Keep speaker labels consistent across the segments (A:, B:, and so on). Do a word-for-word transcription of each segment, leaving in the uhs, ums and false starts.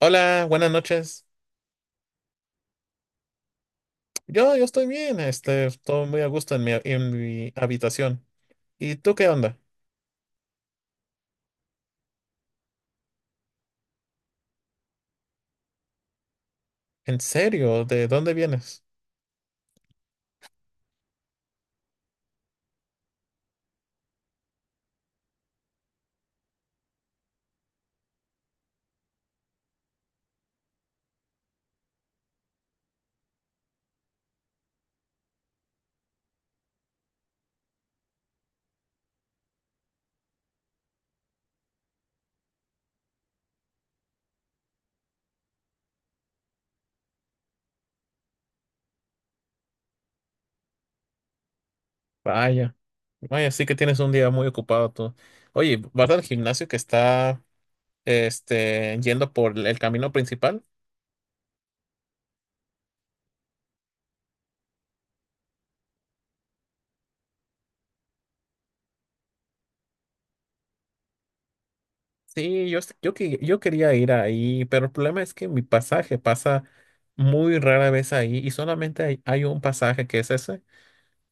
A: Hola, buenas noches. Yo, yo estoy bien, este, estoy muy a gusto en mi, en mi habitación. ¿Y tú qué onda? ¿En serio? ¿De dónde vienes? Vaya, vaya, sí que tienes un día muy ocupado tú. Oye, ¿vas al gimnasio que está, este, yendo por el camino principal? Sí, yo, yo, que- yo quería ir ahí, pero el problema es que mi pasaje pasa muy rara vez ahí y solamente hay, hay un pasaje que es ese.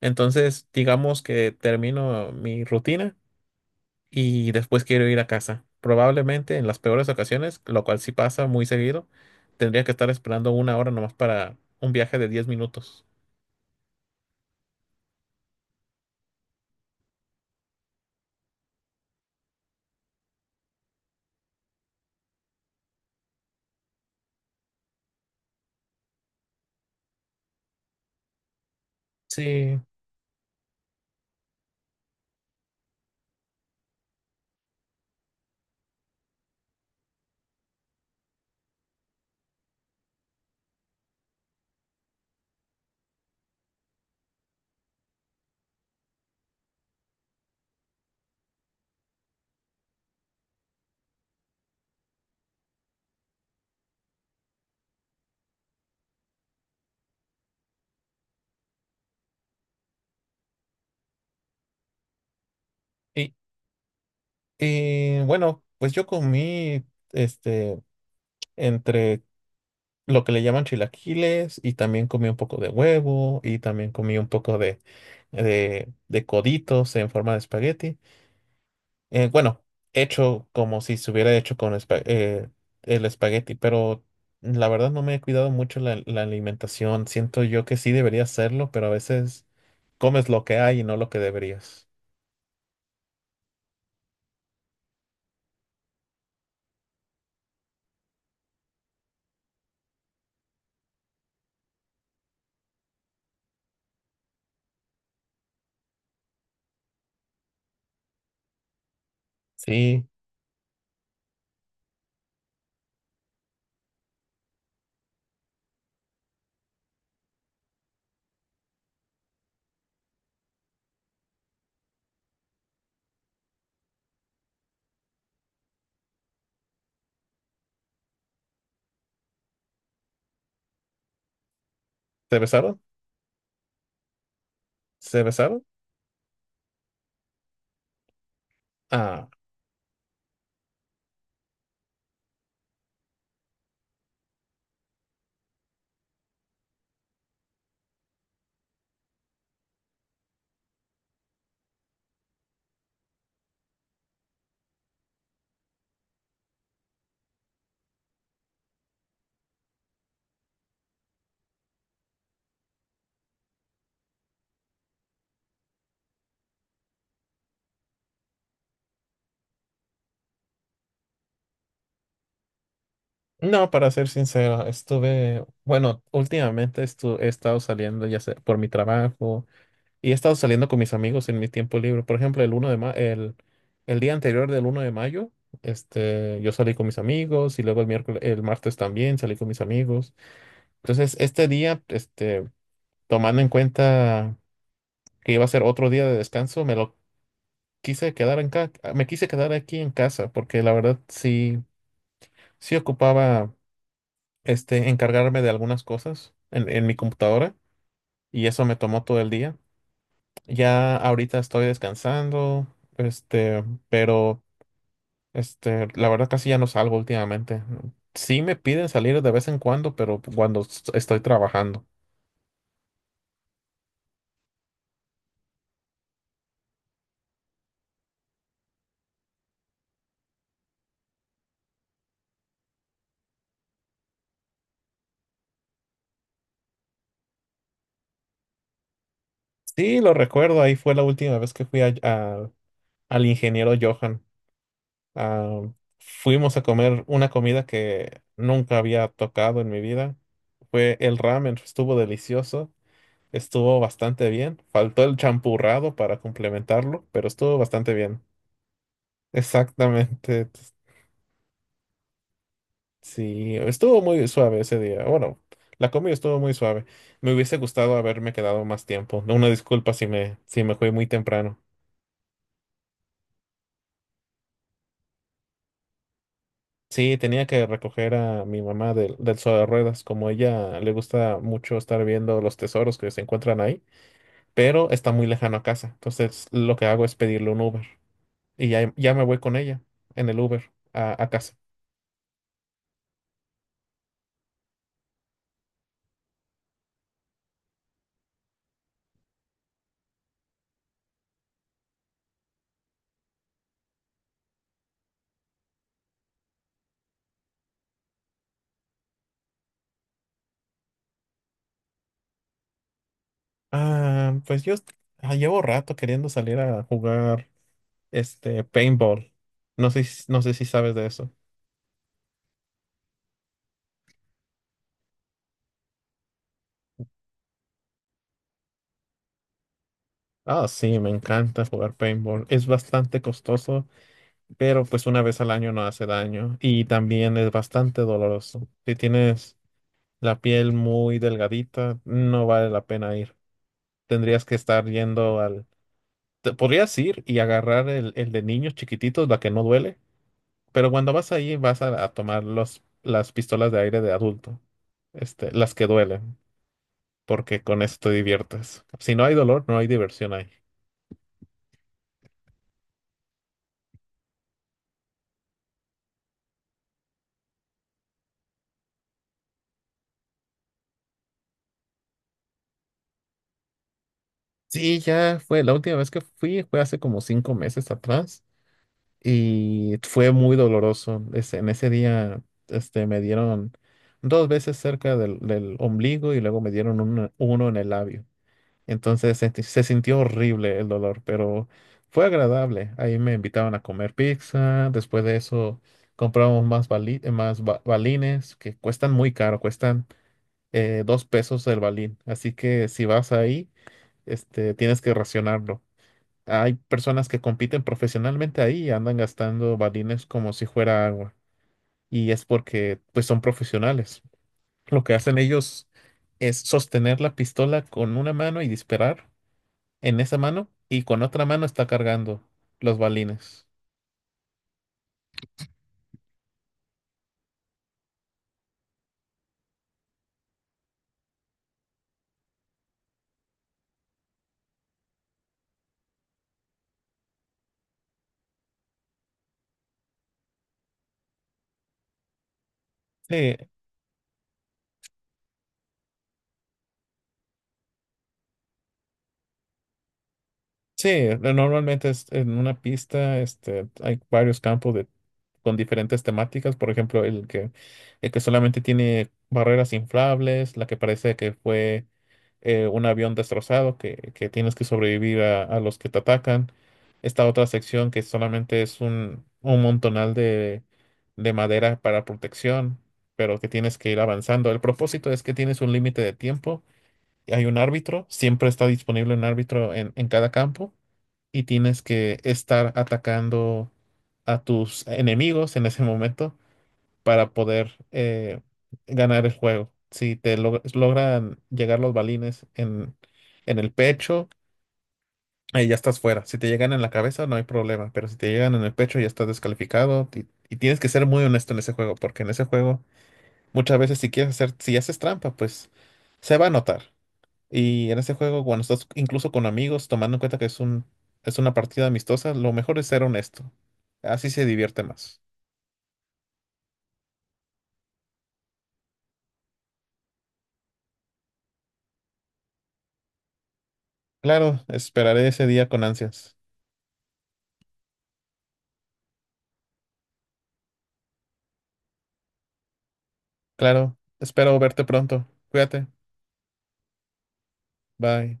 A: Entonces, digamos que termino mi rutina, y después quiero ir a casa. Probablemente en las peores ocasiones, lo cual sí pasa muy seguido, tendría que estar esperando una hora nomás para un viaje de diez minutos. Sí, y, y, bueno, pues yo comí este entre lo que le llaman chilaquiles y también comí un poco de huevo y también comí un poco de, de, de coditos en forma de espagueti. Eh, bueno, hecho como si se hubiera hecho con espa- eh, el espagueti, pero la verdad no me he cuidado mucho la, la alimentación. Siento yo que sí debería hacerlo, pero a veces comes lo que hay y no lo que deberías. Sí, ¿se besaron? ¿Se besaron? Ah, no, para ser sincero, estuve, bueno, últimamente estu- he estado saliendo ya sea por mi trabajo. Y he estado saliendo con mis amigos en mi tiempo libre. Por ejemplo, el uno de ma- el, el día anterior del uno de mayo, este, yo salí con mis amigos y luego el miércoles, el martes también salí con mis amigos. Entonces, este día, este, tomando en cuenta que iba a ser otro día de descanso, me lo quise quedar en ca- me quise quedar aquí en casa porque la verdad sí, sí ocupaba, este, encargarme de algunas cosas en, en mi computadora y eso me tomó todo el día. Ya ahorita estoy descansando, este, pero este, la verdad casi ya no salgo últimamente. Sí me piden salir de vez en cuando, pero cuando s- estoy trabajando. Sí, lo recuerdo, ahí fue la última vez que fui a- a- al ingeniero Johan. Ah, fuimos a comer una comida que nunca había tocado en mi vida. Fue el ramen, estuvo delicioso, estuvo bastante bien. Faltó el champurrado para complementarlo, pero estuvo bastante bien. Exactamente. Sí, estuvo muy suave ese día. Bueno, la comida estuvo muy suave. Me hubiese gustado haberme quedado más tiempo. Una disculpa si me, si me fui muy temprano. Sí, tenía que recoger a mi mamá del, del sobre de ruedas, como ella le gusta mucho estar viendo los tesoros que se encuentran ahí, pero está muy lejano a casa. Entonces, lo que hago es pedirle un Uber y ya, ya me voy con ella en el Uber a, a casa. Ah, pues yo est- ah, llevo rato queriendo salir a jugar, Este, paintball. No sé, si- no sé si sabes de eso. Ah, sí, me encanta jugar paintball. Es bastante costoso, pero pues una vez al año no hace daño. Y también es bastante doloroso. Si tienes la piel muy delgadita, no vale la pena ir. Tendrías que estar yendo al... te- podrías ir y agarrar el, el de niños chiquititos, la que no duele, pero cuando vas ahí vas a, a tomar los, las pistolas de aire de adulto, este, las que duelen, porque con eso te diviertes. Si no hay dolor, no hay diversión ahí. Sí, ya fue. La última vez que fui fue hace como cinco meses atrás. Y fue muy doloroso. Ese- en ese día, este, me dieron dos veces cerca del, del ombligo y luego me dieron una- uno en el labio. Entonces senti- se sintió horrible el dolor, pero fue agradable. Ahí me invitaban a comer pizza. Después de eso, compramos más, bali- eh, más ba- balines que cuestan muy caro, cuestan eh, dos pesos el balín. Así que si vas ahí, este, tienes que racionarlo. Hay personas que compiten profesionalmente ahí y andan gastando balines como si fuera agua. Y es porque pues son profesionales. Lo que hacen ellos es sostener la pistola con una mano y disparar en esa mano y con otra mano está cargando los balines. Sí, sí, eh, normalmente es en una pista, este, hay varios campos de, con diferentes temáticas. Por ejemplo, el que, el que solamente tiene barreras inflables, la que parece que fue eh, un avión destrozado, que, que tienes que sobrevivir a, a los que te atacan. Esta otra sección que solamente es un, un montonal de, de madera para protección, pero que tienes que ir avanzando. El propósito es que tienes un límite de tiempo. Hay un árbitro, siempre está disponible un árbitro en en cada campo y tienes que estar atacando a tus enemigos en ese momento para poder eh, ganar el juego. Si te log- logran llegar los balines en, en el pecho, ahí ya estás fuera. Si te llegan en la cabeza, no hay problema, pero si te llegan en el pecho, ya estás descalificado y, y tienes que ser muy honesto en ese juego, porque en ese juego muchas veces si quieres hacer, si haces trampa, pues se va a notar. Y en ese juego, cuando estás incluso con amigos, tomando en cuenta que es un, es una partida amistosa, lo mejor es ser honesto. Así se divierte más. Claro, esperaré ese día con ansias. Claro, espero verte pronto. Cuídate. Bye.